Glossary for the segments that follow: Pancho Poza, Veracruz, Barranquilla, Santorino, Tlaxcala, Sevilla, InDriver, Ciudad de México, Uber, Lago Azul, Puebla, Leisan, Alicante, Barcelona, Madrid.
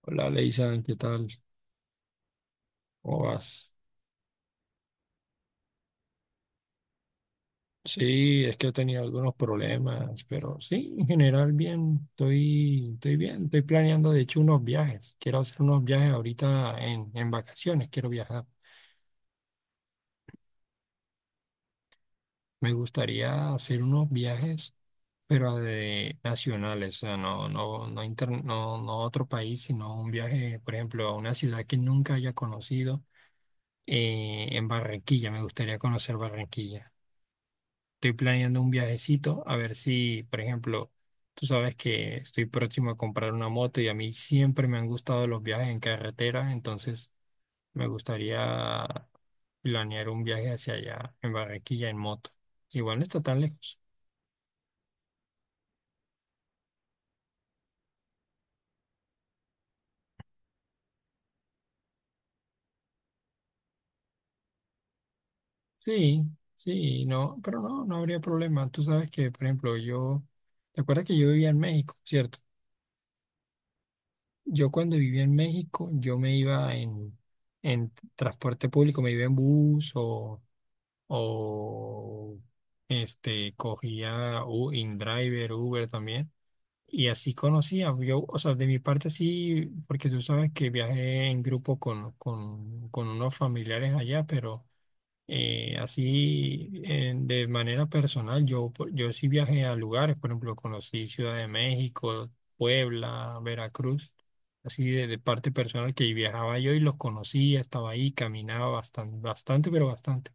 Hola, Leisan, ¿qué tal? ¿Cómo vas? Sí, es que he tenido algunos problemas, pero sí, en general bien, estoy bien, estoy planeando de hecho unos viajes. Quiero hacer unos viajes ahorita en vacaciones, quiero viajar. Me gustaría hacer unos viajes, pero de nacionales, o sea, no, no a otro país, sino un viaje, por ejemplo, a una ciudad que nunca haya conocido, en Barranquilla, me gustaría conocer Barranquilla. Estoy planeando un viajecito, a ver si, por ejemplo, tú sabes que estoy próximo a comprar una moto y a mí siempre me han gustado los viajes en carretera, entonces me gustaría planear un viaje hacia allá, en Barranquilla, en moto. Igual no está tan lejos. Sí, sí, no, pero no, no habría problema. Tú sabes que, por ejemplo, yo, ¿te acuerdas que yo vivía en México, cierto? Yo cuando vivía en México, yo me iba en transporte público, me iba en bus o este, cogía InDriver, Uber también. Y así conocía, yo, o sea, de mi parte sí, porque tú sabes que viajé en grupo con unos familiares allá, pero así de manera personal, yo, yo sí viajé a lugares, por ejemplo, conocí Ciudad de México, Puebla, Veracruz, así de parte personal que viajaba yo y los conocía, estaba ahí, caminaba bastante, bastante, pero bastante.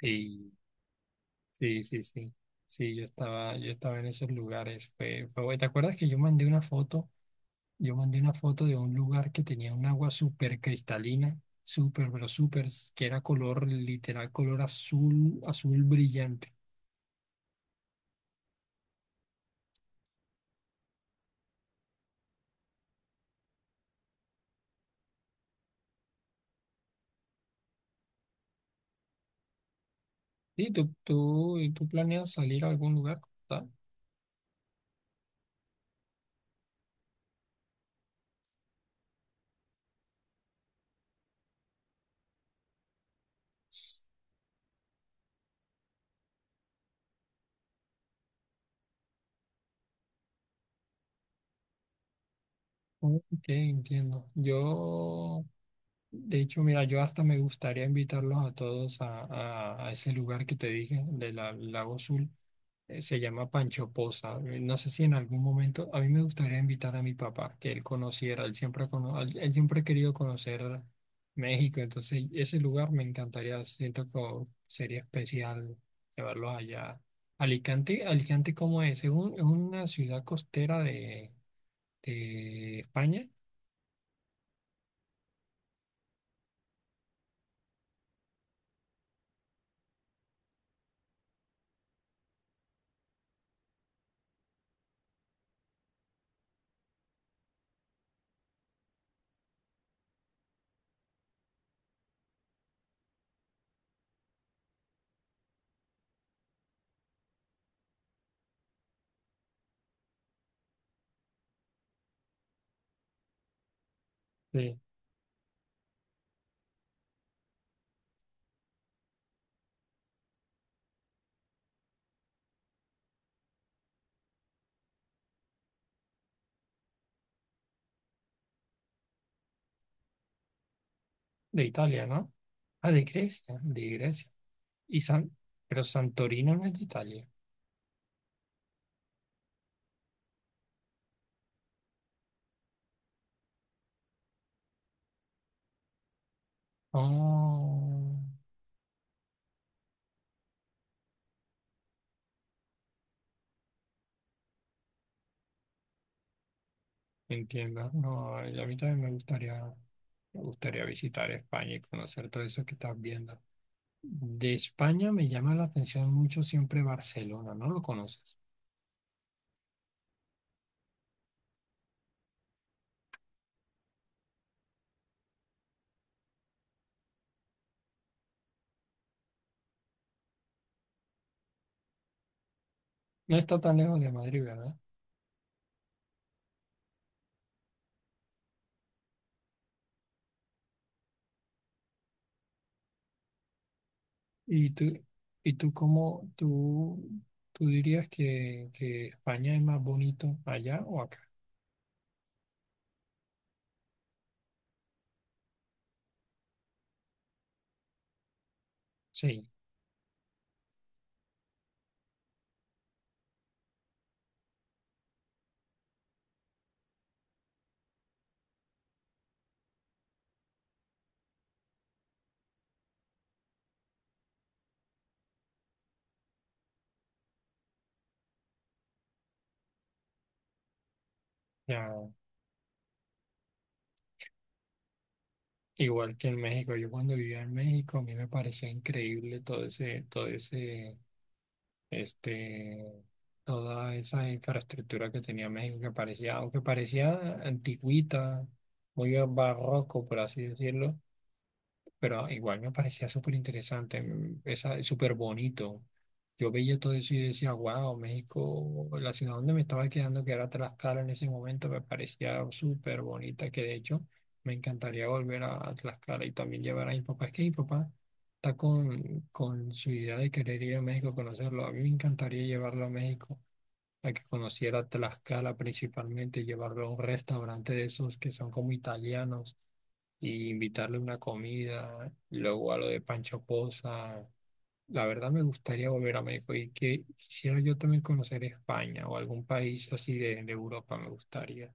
Sí, sí, sí, sí. Sí, yo estaba en esos lugares. Fue, fue bueno. ¿Te acuerdas que yo mandé una foto? Yo mandé una foto de un lugar que tenía un agua súper cristalina, súper, pero súper, que era color, literal, color azul, azul brillante. Sí, tú planeas salir a algún lugar, ¿verdad? Ok, entiendo. Yo, de hecho, mira, yo hasta me gustaría invitarlos a todos a, a ese lugar que te dije, del la, Lago Azul. Se llama Pancho Poza. No sé si en algún momento, a mí me gustaría invitar a mi papá, que él conociera, él siempre, él él siempre ha querido conocer México, entonces ese lugar me encantaría, siento que sería especial llevarlo allá. Alicante, Alicante, ¿cómo es? Es una ciudad costera de España, de, de Italia, ¿no? Ah, de Grecia, de Grecia. Y San, pero Santorino no es de Italia. Oh. Entiendo. No, a mí también me gustaría visitar España y conocer todo eso que estás viendo. De España me llama la atención mucho siempre Barcelona, ¿no lo conoces? No está tan lejos de Madrid, ¿verdad? ¿Y tú, y tú cómo, tú dirías que España es más bonito allá o acá? Sí, ya, igual que en México. Yo cuando vivía en México, a mí me parecía increíble todo ese este, toda esa infraestructura que tenía México, que parecía, aunque parecía antigüita, muy barroco, por así decirlo, pero igual me parecía súper interesante, esa- súper bonito. Yo veía todo eso y decía, wow, México, la ciudad donde me estaba quedando, que era Tlaxcala en ese momento, me parecía súper bonita, que de hecho me encantaría volver a Tlaxcala y también llevar a mi papá. Es que mi papá está con su idea de querer ir a México conocerlo. A mí me encantaría llevarlo a México, a que conociera Tlaxcala principalmente, llevarlo a un restaurante de esos que son como italianos y invitarle una comida, luego a lo de Pancho Poza. La verdad me gustaría volver a México y que quisiera yo también conocer España o algún país así de Europa me gustaría.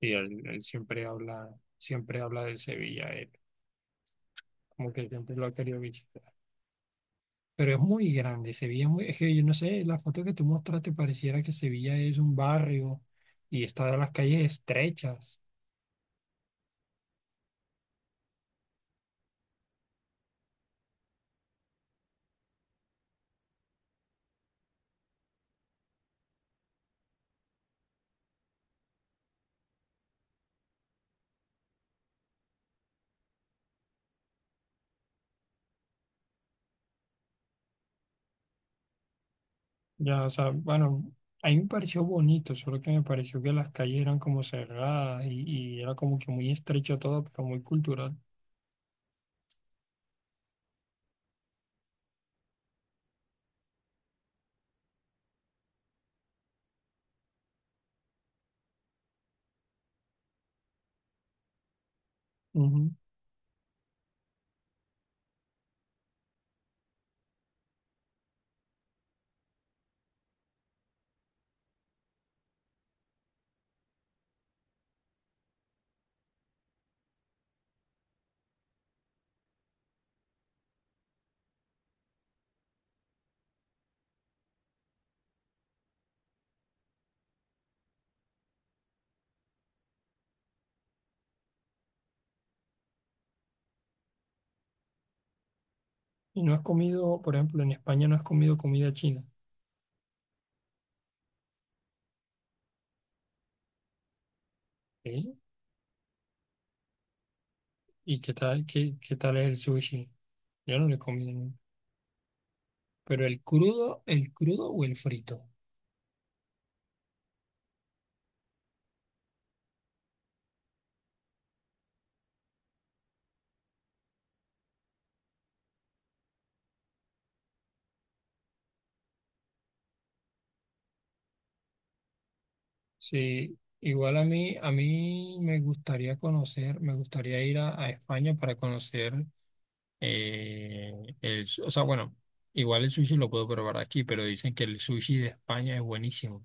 Y él siempre habla del Sevilla, él como que siempre lo ha querido visitar. Pero es muy grande, Sevilla es muy, es que yo no sé, la foto que tú mostraste pareciera que Sevilla es un barrio y está de las calles estrechas. Ya, o sea, bueno, a mí me pareció bonito, solo que me pareció que las calles eran como cerradas y era como que muy estrecho todo, pero muy cultural. Ujú. Y no has comido, por ejemplo, en España no has comido comida china. ¿Sí? ¿Y qué tal, qué, qué tal es el sushi? Yo no lo he comido nunca. Pero el crudo o el frito. Sí, igual a mí me gustaría conocer, me gustaría ir a España para conocer. Eh, el, su- o sea, bueno, igual el sushi lo puedo probar aquí, pero dicen que el sushi de España es buenísimo.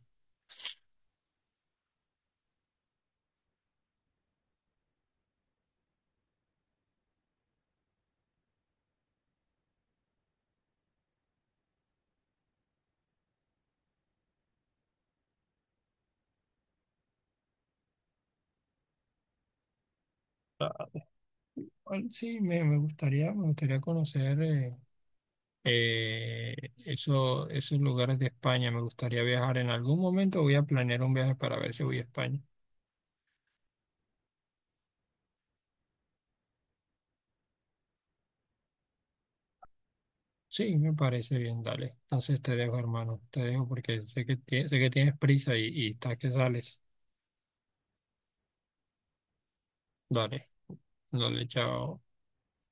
Ah, bueno, sí, me, me gustaría conocer eh, eso- esos lugares de España. Me gustaría viajar en algún momento. Voy a planear un viaje para ver si voy a España. Sí, me parece bien, dale. Entonces te dejo, hermano. Te dejo porque sé que, sé que tienes prisa y estás que sales. Dale, dale, chao.